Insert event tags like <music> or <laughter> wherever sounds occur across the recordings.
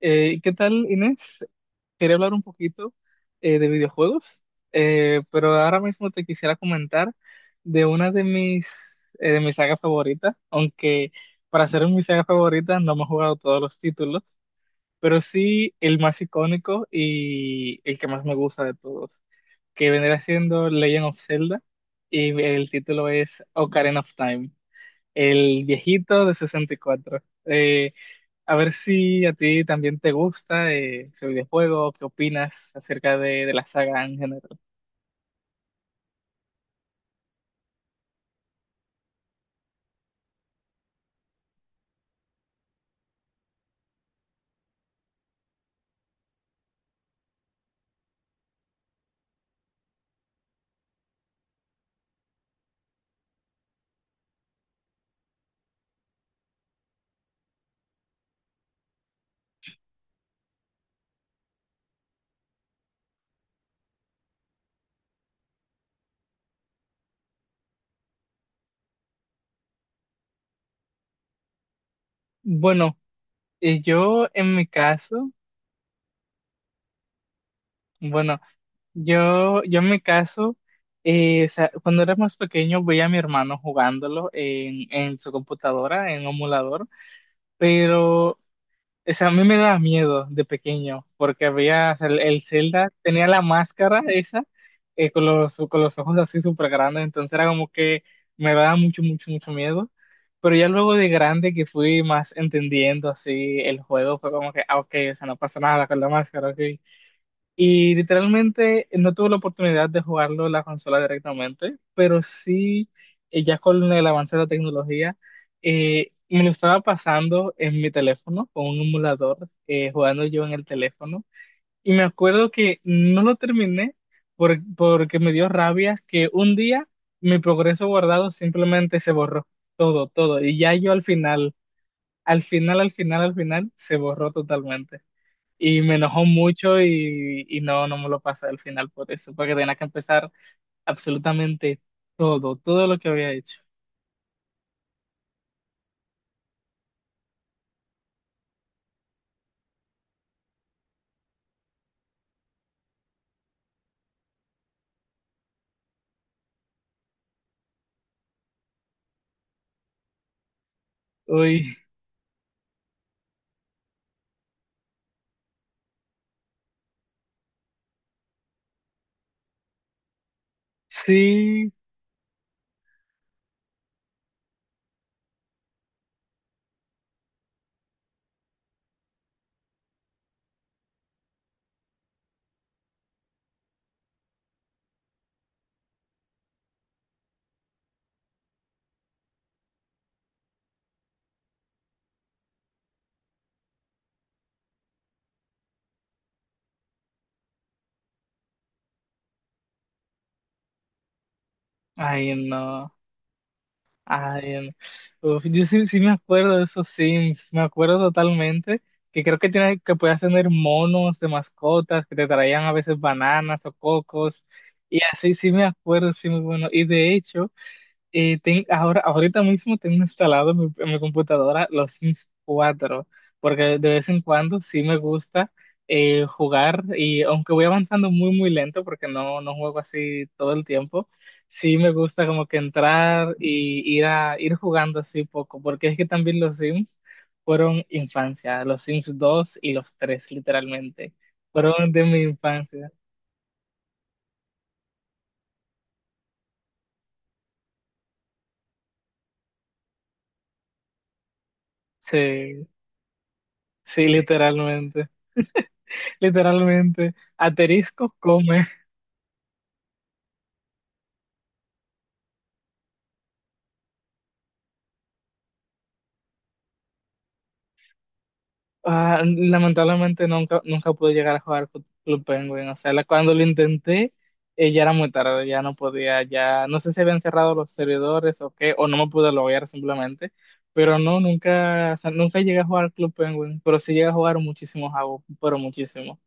¿Qué tal, Inés? Quería hablar un poquito, de videojuegos. Pero ahora mismo te quisiera comentar de una de mis, de mis sagas favoritas, aunque para ser mi saga favorita no me he jugado todos los títulos, pero sí el más icónico y el que más me gusta de todos, que vendría siendo Legend of Zelda, y el título es Ocarina of Time, el viejito de 64. Eh, a ver si a ti también te gusta, ese videojuego, qué opinas acerca de la saga en general. Bueno, eh, yo en mi caso, bueno, yo en mi caso, o sea, cuando era más pequeño veía a mi hermano jugándolo en su computadora, en un emulador, pero. O sea, a mí me daba miedo de pequeño, porque había, o sea, el Zelda tenía la máscara esa, con los ojos así súper grandes, entonces era como que me daba mucho, mucho, mucho miedo. Pero ya luego de grande, que fui más entendiendo así el juego, fue como que, ah, ok, o sea, no pasa nada con la máscara, ok. Y literalmente no tuve la oportunidad de jugarlo en la consola directamente, pero sí, ya con el avance de la tecnología, me lo estaba pasando en mi teléfono con un emulador, jugando yo en el teléfono. Y me acuerdo que no lo terminé porque me dio rabia que un día mi progreso guardado simplemente se borró, todo, todo. Y ya yo al final, al final, al final, al final, se borró totalmente. Y me enojó mucho, y no, no me lo pasé al final por eso, porque tenía que empezar absolutamente todo, todo lo que había hecho. Uy, <laughs> sí, ay no, ay no. Uf, yo sí, sí me acuerdo de esos Sims, me acuerdo totalmente, que creo que, tiene, que podías tener monos de mascotas, que te traían a veces bananas o cocos, y así sí me acuerdo, sí, muy bueno. Y de hecho... ahora, ahorita mismo tengo instalado en mi computadora los Sims 4, porque de vez en cuando sí me gusta, jugar, y aunque voy avanzando muy, muy lento porque no, no juego así todo el tiempo, sí me gusta como que entrar y ir jugando así poco, porque es que también los Sims fueron infancia, los Sims 2 y los tres literalmente, fueron de mi infancia. Sí, sí, literalmente, literalmente. Aterisco come. Ah, lamentablemente nunca, nunca pude llegar a jugar Club Penguin. O sea, cuando lo intenté, ya era muy tarde, ya no podía, ya no sé si habían cerrado los servidores o qué, o no me pude loguear simplemente. Pero no, nunca, o sea, nunca llegué a jugar Club Penguin, pero sí llegué a jugar muchísimo Jabo, pero muchísimo.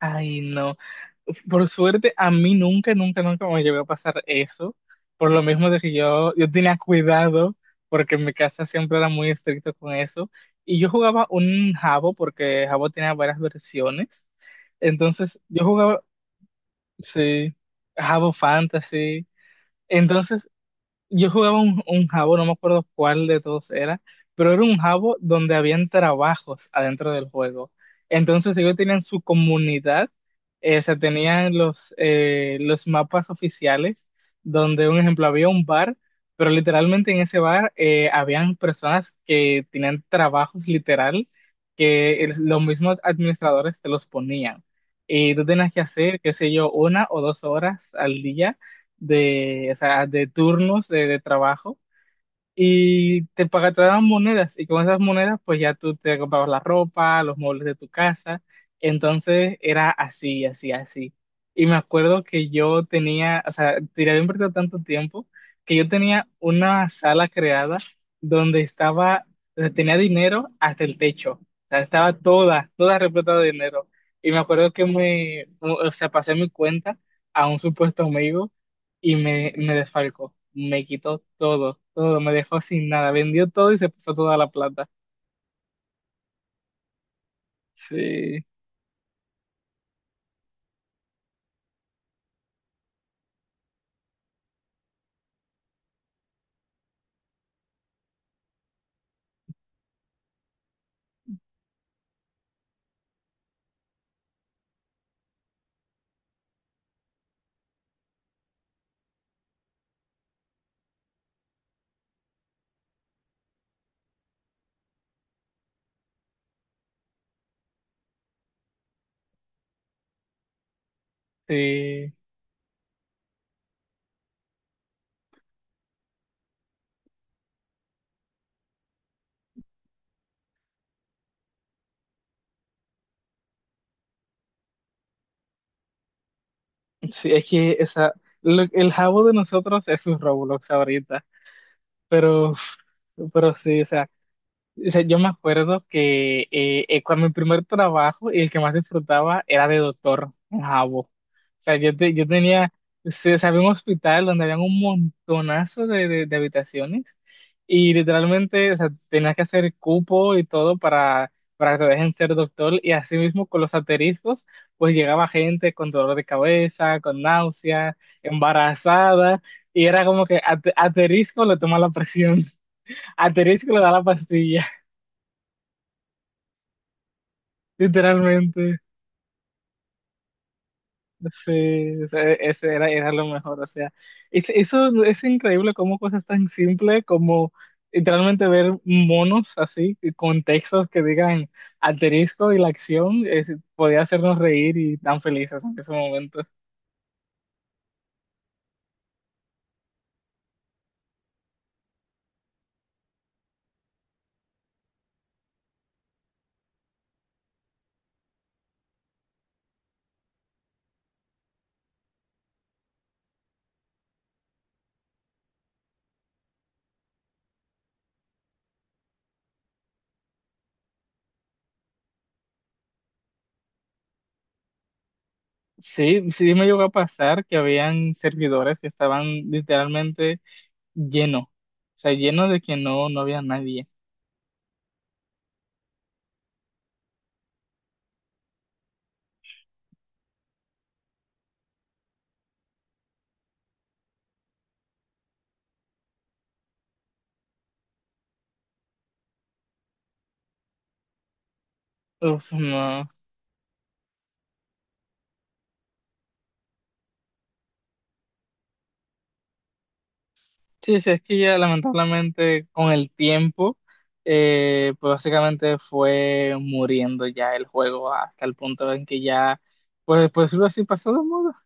Ay, no. Por suerte, a mí nunca, nunca, nunca me llegó a pasar eso. Por lo mismo de que yo tenía cuidado, porque en mi casa siempre era muy estricto con eso. Y yo jugaba un jabo, porque jabo tenía varias versiones. Entonces, yo jugaba, sí, jabo fantasy. Entonces, yo jugaba un jabo, no me acuerdo cuál de todos era, pero era un jabo donde habían trabajos adentro del juego. Entonces ellos tenían su comunidad, o sea, tenían los mapas oficiales, donde, un ejemplo, había un bar, pero literalmente en ese bar, habían personas que tenían trabajos literal, que los mismos administradores te los ponían. Y tú tenías que hacer, qué sé yo, 1 o 2 horas al día de, o sea, de turnos de trabajo, y te pagaban, te daban monedas, y con esas monedas pues ya tú te comprabas la ropa, los muebles de tu casa. Entonces era así, así, así. Y me acuerdo que yo tenía, o sea, tiré, había invertido tanto tiempo, que yo tenía una sala creada donde estaba, donde tenía dinero hasta el techo. O sea, estaba toda, toda repleta de dinero. Y me acuerdo que me, o sea, pasé mi cuenta a un supuesto amigo y me desfalcó. Me quitó todo, todo, me dejó sin nada. Vendió todo y se puso toda la plata. Sí, sí, sí, es que esa, el jabo de nosotros es sus Roblox ahorita. Pero, pero, sí, o sea. O sea, yo me acuerdo que, cuando mi primer trabajo, y el que más disfrutaba era de doctor en Jabo. O sea, yo, yo tenía, o sea, había un hospital donde había un montonazo de habitaciones, y literalmente, o sea, tenías que hacer cupo y todo para que te dejen ser doctor, y así mismo con los asteriscos pues llegaba gente con dolor de cabeza, con náusea, embarazada, y era como que aterisco le toma la presión, <laughs> aterisco le da la pastilla. Literalmente, sí, o sea, ese era, era lo mejor. O sea, eso es increíble, cómo cosas tan simples como literalmente ver monos así, con textos que digan asterisco y la acción, podía hacernos reír y tan felices en ese momento. Sí, sí me llegó a pasar que habían servidores que estaban literalmente llenos, o sea, llenos de que no, no había nadie. Uf, no. Sí, sí, es que ya lamentablemente con el tiempo, pues básicamente fue muriendo ya el juego hasta el punto en que ya, pues, pues lo así pasó de moda.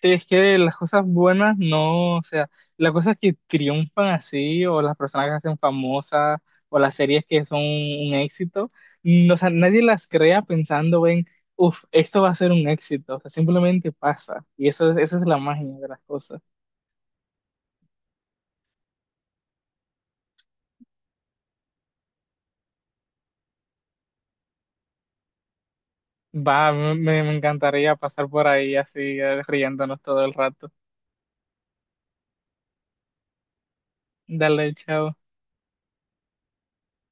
Sí, es que las cosas buenas no, o sea, las cosas que triunfan así, o las personas que se hacen famosas, o las series que son un éxito, no, o sea, nadie las crea pensando en, uff, esto va a ser un éxito. O sea, simplemente pasa, y eso, esa es la magia de las cosas. Va, me encantaría pasar por ahí así, riéndonos todo el rato. Dale, chao.